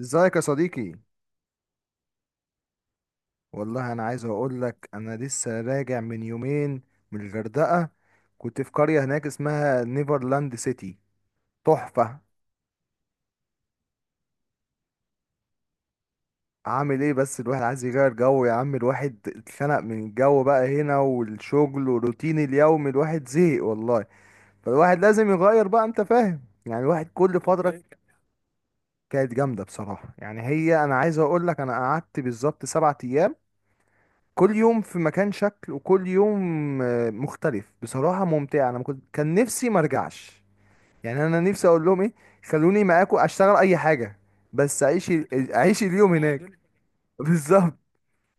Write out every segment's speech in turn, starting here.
ازيك يا صديقي؟ والله انا عايز اقول لك انا لسه راجع من يومين، من الغردقه. كنت في قريه هناك اسمها نيفرلاند سيتي، تحفه. عامل ايه، بس الواحد عايز يغير جو يا عم. الواحد اتخنق من الجو بقى هنا، والشغل والروتين اليومي، الواحد زهق والله. فالواحد لازم يغير بقى، انت فاهم، يعني الواحد كل فتره. كانت جامده بصراحه. يعني هي، انا عايز اقول لك، انا قعدت بالظبط 7 ايام. كل يوم في مكان شكل، وكل يوم مختلف، بصراحة ممتعة. انا ما كنت كان نفسي ما ارجعش. يعني انا نفسي اقول لهم ايه، خلوني معاكم اشتغل اي حاجة. بس اعيش اليوم الحياة هناك. دول. بالظبط.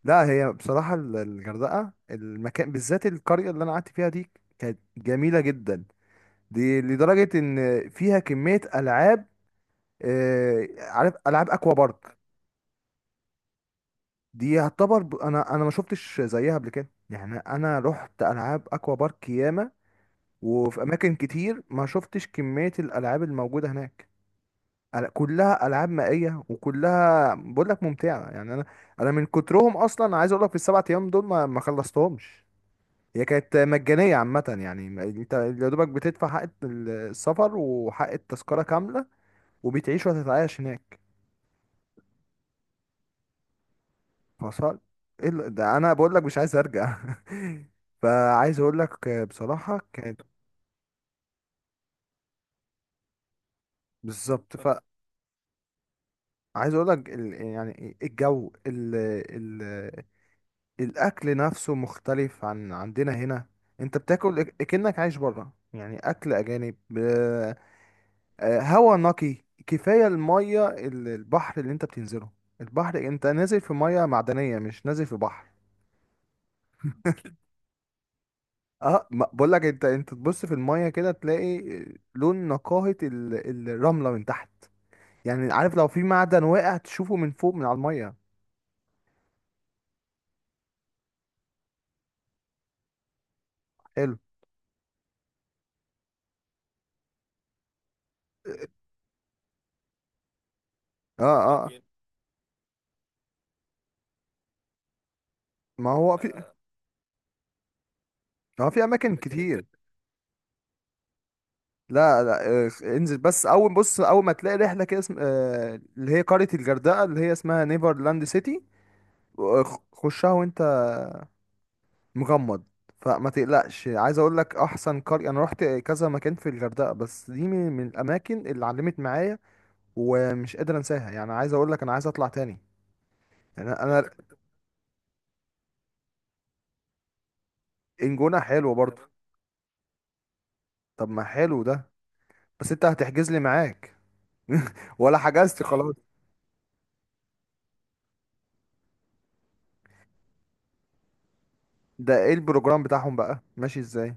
لا، هي بصراحة الغردقة، المكان بالذات القرية اللي انا قعدت فيها دي، كانت جميلة جدا. دي لدرجة ان فيها كمية العاب. عارف العاب اكوا بارك؟ دي يعتبر، انا ما شفتش زيها قبل كده، يعني انا رحت العاب اكوا بارك ياما. وفي اماكن كتير ما شفتش كمية الالعاب الموجودة هناك. كلها العاب مائية، وكلها بقول لك ممتعة، يعني انا. انا من كترهم اصلا، عايز اقول لك في السبع ايام دول ما خلصتهمش. هي كانت مجانية عامة، يعني انت يا دوبك بتدفع حق السفر وحق التذكرة كاملة، وبتعيش وتتعايش هناك. فصل. ايه ده، انا بقول لك مش عايز ارجع. فعايز اقول لك بصراحة كانت. بالظبط. عايز اقول لك يعني الجو ال... الاكل نفسه مختلف عن عندنا هنا. انت بتاكل كأنك عايش بره، يعني اكل اجانب. هوا نقي. كفايه الميه، البحر اللي انت بتنزله. البحر انت نازل في ميه معدنيه، مش نازل في بحر. اه، بقول لك، انت تبص في الميه كده تلاقي لون نقاهه الرمله من تحت. يعني عارف، لو في معدن واقع تشوفه من فوق، من على الميه. حلو. اه. اه. ما هو في. اه، في اماكن كتير. لا، لا، انزل. بس اول، بص اول ما تلاقي رحله كده اسم... آه، اللي هي قريه الغردقه اللي هي اسمها نيفرلاند سيتي. خشها وانت مغمض. فما تقلقش، عايز اقول لك احسن قريه. انا رحت كذا مكان في الغردقه، بس دي من الاماكن اللي علمت معايا، ومش قادر انساها. يعني عايز اقول لك انا عايز اطلع تاني. يعني انا. الجونه حلوه برضه. طب، ما حلو ده. بس انت هتحجز لي معاك؟ ولا حجزت خلاص؟ ده ايه البروجرام بتاعهم بقى، ماشي ازاي؟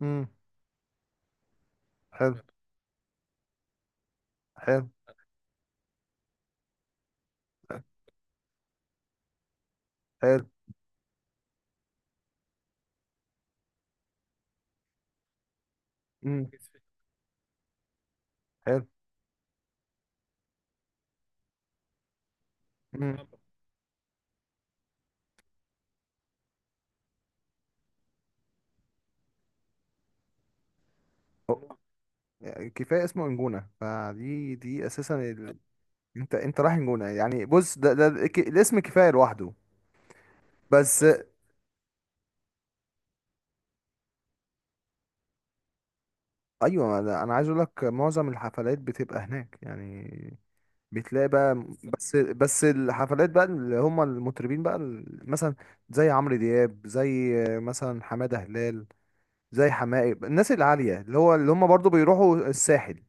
مم. حلو. حلو. حلو. امم. حلو. امم. أو- يعني كفايه اسمه انجونه. فدي، دي اساسا انت رايح انجونه، يعني بص، ده الاسم كفايه لوحده. بس. ايوه، ده انا عايز اقول لك معظم الحفلات بتبقى هناك يعني. بتلاقي بقى، بس الحفلات بقى اللي هم المطربين بقى مثلا زي عمرو دياب، زي مثلا حماده هلال، زي حماقي، الناس العاليه اللي هم برضو بيروحوا الساحل،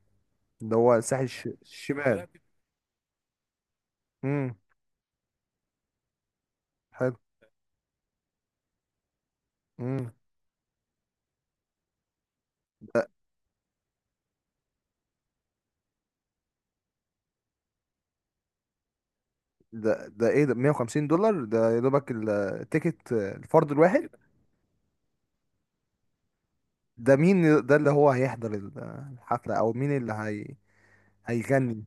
اللي هو الساحل الشمال. حلو. امم. ده ده ايه ده؟ $150، ده يا دوبك التيكت الفرد الواحد. ده مين ده اللي هو هيحضر الحفلة، او مين اللي هي هيغني؟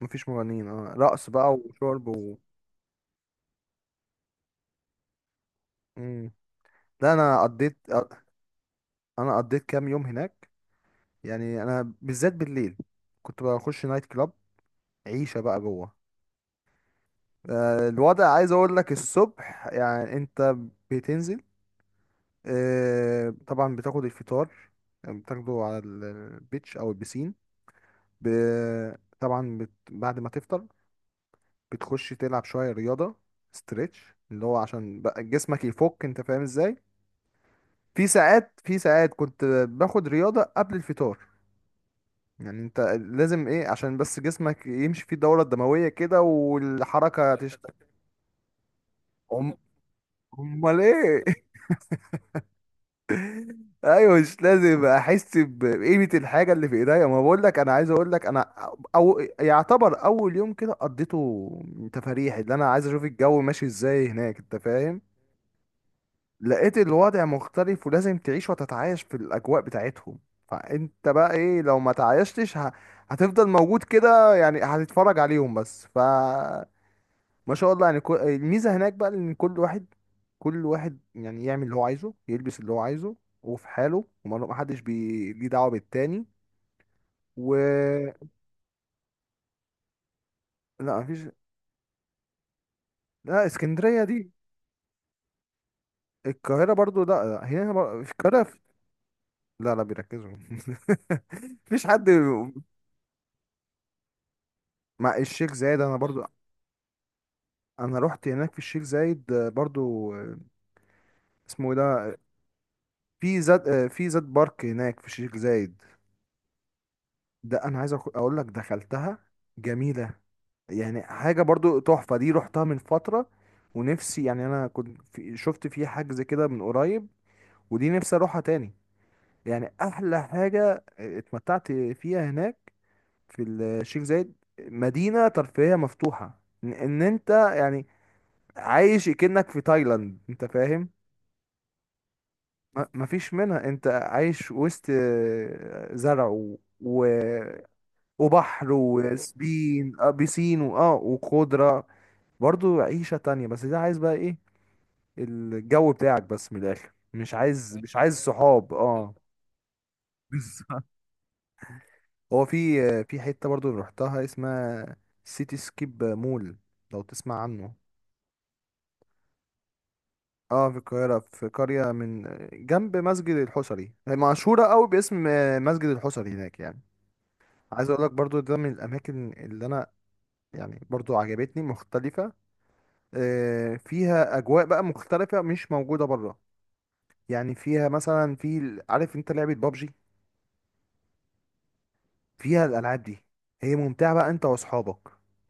مفيش مغنيين؟ اه، رقص بقى وشرب و... امم. لا، انا قضيت. انا قضيت كام يوم هناك. يعني انا بالذات بالليل كنت بخش نايت كلاب، عيشة بقى جوه. الوضع، عايز اقول لك الصبح، يعني انت بتنزل. طبعا بتاخد الفطار، يعني بتاخده على البيتش او البسين. ب... طبعا بعد ما تفطر بتخش تلعب شويه رياضه، ستريتش، اللي هو عشان بقى جسمك يفك، انت فاهم ازاي. في ساعات، في ساعات كنت باخد رياضه قبل الفطار. يعني انت لازم ايه، عشان بس جسمك يمشي فيه الدوره الدمويه كده والحركه تشتغل. أم- امال ايه؟ ايوه، مش لازم احس بقيمه الحاجه اللي في ايديا. ما بقول لك، انا عايز اقول لك انا او يعتبر اول يوم كده قضيته تفاريح، اللي انا عايز اشوف الجو ماشي ازاي هناك، انت فاهم. لقيت الوضع مختلف، ولازم تعيش وتتعايش في الاجواء بتاعتهم. فانت بقى ايه، لو ما تعايشتش هتفضل موجود كده، يعني هتتفرج عليهم بس، ف... ما شاء الله. يعني الميزة هناك بقى ان كل واحد، كل واحد يعني يعمل اللي هو عايزه، يلبس اللي هو عايزه، وفي حاله، وما ما حدش ليه دعوة بالتاني. و... لا، مفيش. لا، اسكندرية دي، القاهرة برضو، لا، لا، هنا في القاهرة لا، لا، بيركزوا. مفيش حد. مع الشيخ زايد انا برضو. انا رحت هناك في الشيخ زايد برضو. اسمه ايه ده؟ في زاد بارك هناك في الشيخ زايد. ده انا عايز اقول لك دخلتها، جميلة. يعني حاجة برضو تحفة، دي رحتها من فترة. ونفسي، يعني انا كنت في شفت فيه حجز كده من قريب، ودي نفسي اروحها تاني. يعني احلى حاجة اتمتعت فيها هناك في الشيخ زايد، مدينة ترفيهية مفتوحة، إن انت يعني عايش كأنك في تايلاند، انت فاهم. مفيش منها. انت عايش وسط زرع وبحر وسبين آه، بيسين وخضرة. برضو عيشة تانية، بس ده عايز بقى ايه، الجو بتاعك بس من الاخر، مش عايز بالظبط صحاب. اه. بالظبط. هو في، في حته برضو رحتها اسمها سيتي سكيب مول، لو تسمع عنه. اه، في القاهره، في قريه من جنب مسجد الحصري. هي مشهوره قوي باسم مسجد الحصري هناك يعني. عايز اقول لك برضو، ده من الاماكن اللي انا يعني برضو عجبتني، مختلفه. فيها اجواء بقى مختلفه، مش موجوده بره. يعني فيها مثلا، في، عارف انت لعبه بابجي؟ فيها الالعاب دي. هي ممتعه بقى انت واصحابك.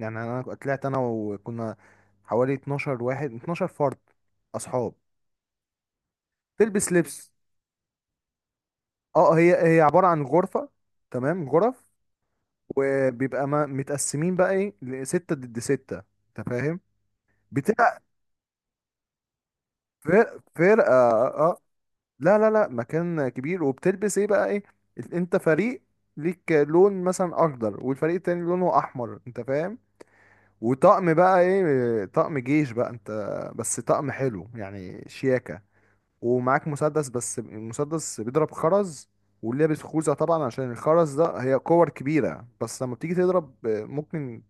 يعني انا طلعت انا وكنا حوالي 12 واحد، 12 فرد، اصحاب. تلبس لبس. اه، هي عباره عن غرفه، تمام، غرف. وبيبقى ما متقسمين بقى ايه، لستة ضد ستة انت فاهم. بتبقى فرقه اه. لا، لا، لا، مكان كبير. وبتلبس ايه بقى ايه، انت فريق، ليك لون مثلا اخضر، والفريق التاني لونه احمر، انت فاهم. وطقم بقى ايه، طقم جيش بقى انت، بس طقم حلو يعني، شياكة. ومعاك مسدس، بس المسدس بيضرب خرز. ولابس خوذة طبعا، عشان الخرز ده هي كور كبيرة، بس لما بتيجي تضرب ممكن،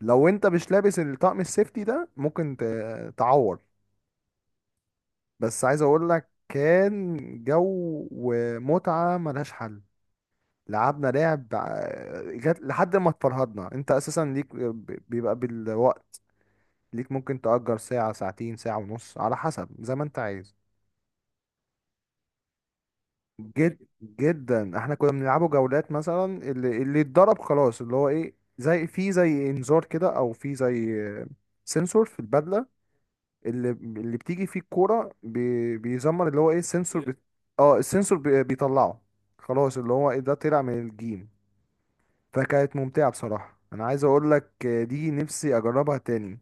لو انت مش لابس الطقم السيفتي ده، ممكن تعور. بس عايز اقول لك، كان جو ومتعة ملهاش حل. لعبنا لعب جت لحد ما اتفرهدنا. انت اساسا ليك، بيبقى بالوقت، ليك ممكن تأجر ساعة، ساعتين، ساعة ونص، على حسب زي ما انت عايز. جد جدا، احنا كنا بنلعبه جولات مثلا. اللي اتضرب خلاص، اللي هو ايه، زي في، زي انذار كده، او في زي سنسور في البدلة. اللي بتيجي فيه الكورة بيزمر، اللي هو ايه السنسور اه، السنسور بيطلعه. خلاص، اللي هو ايه، ده طلع من الجيم. فكانت ممتعة بصراحة. انا عايز اقول لك، دي نفسي اجربها تاني.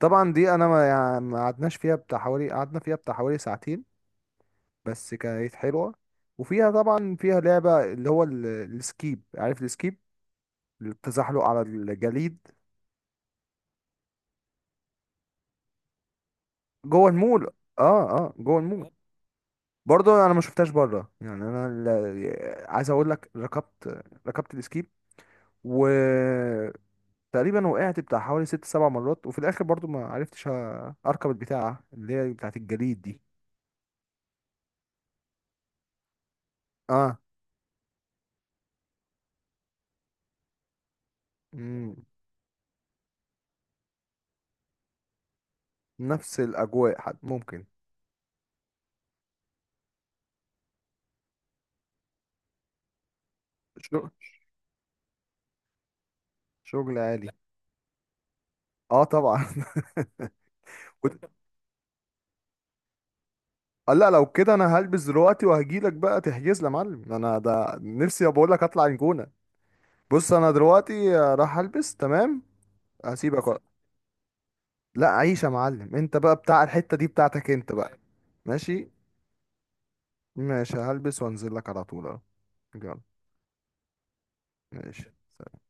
طبعا دي انا ما يعني ما قعدناش فيها بتاع حوالي، قعدنا فيها بتاع حوالي ساعتين. بس كانت حلوة. وفيها طبعا فيها لعبة، اللي هو السكيب، عارف السكيب؟ التزحلق على الجليد. جوه المول. اه، اه، جوه المول. برضه انا ما شفتهاش بره، يعني انا عايز اقول لك ركبت السكيب. وتقريبا وقعت بتاع حوالي ست سبع مرات، وفي الاخر برضه ما عرفتش اركب البتاعة اللي هي بتاعت الجليد دي. اه. مم. نفس الاجواء. حد ممكن. شغل. شغل عالي. اه، طبعا. قال لا، لو كده انا هلبس دلوقتي وهجيلك بقى تحجز لي يا معلم. انا ده نفسي بقول لك اطلع الجونه. بص، انا دلوقتي راح البس تمام. هسيبك وقت. لا، عيش يا معلم، انت بقى بتاع الحته دي، بتاعتك انت بقى. ماشي. ماشي، هلبس وانزل لك على طول اهو. يلا. ماشي.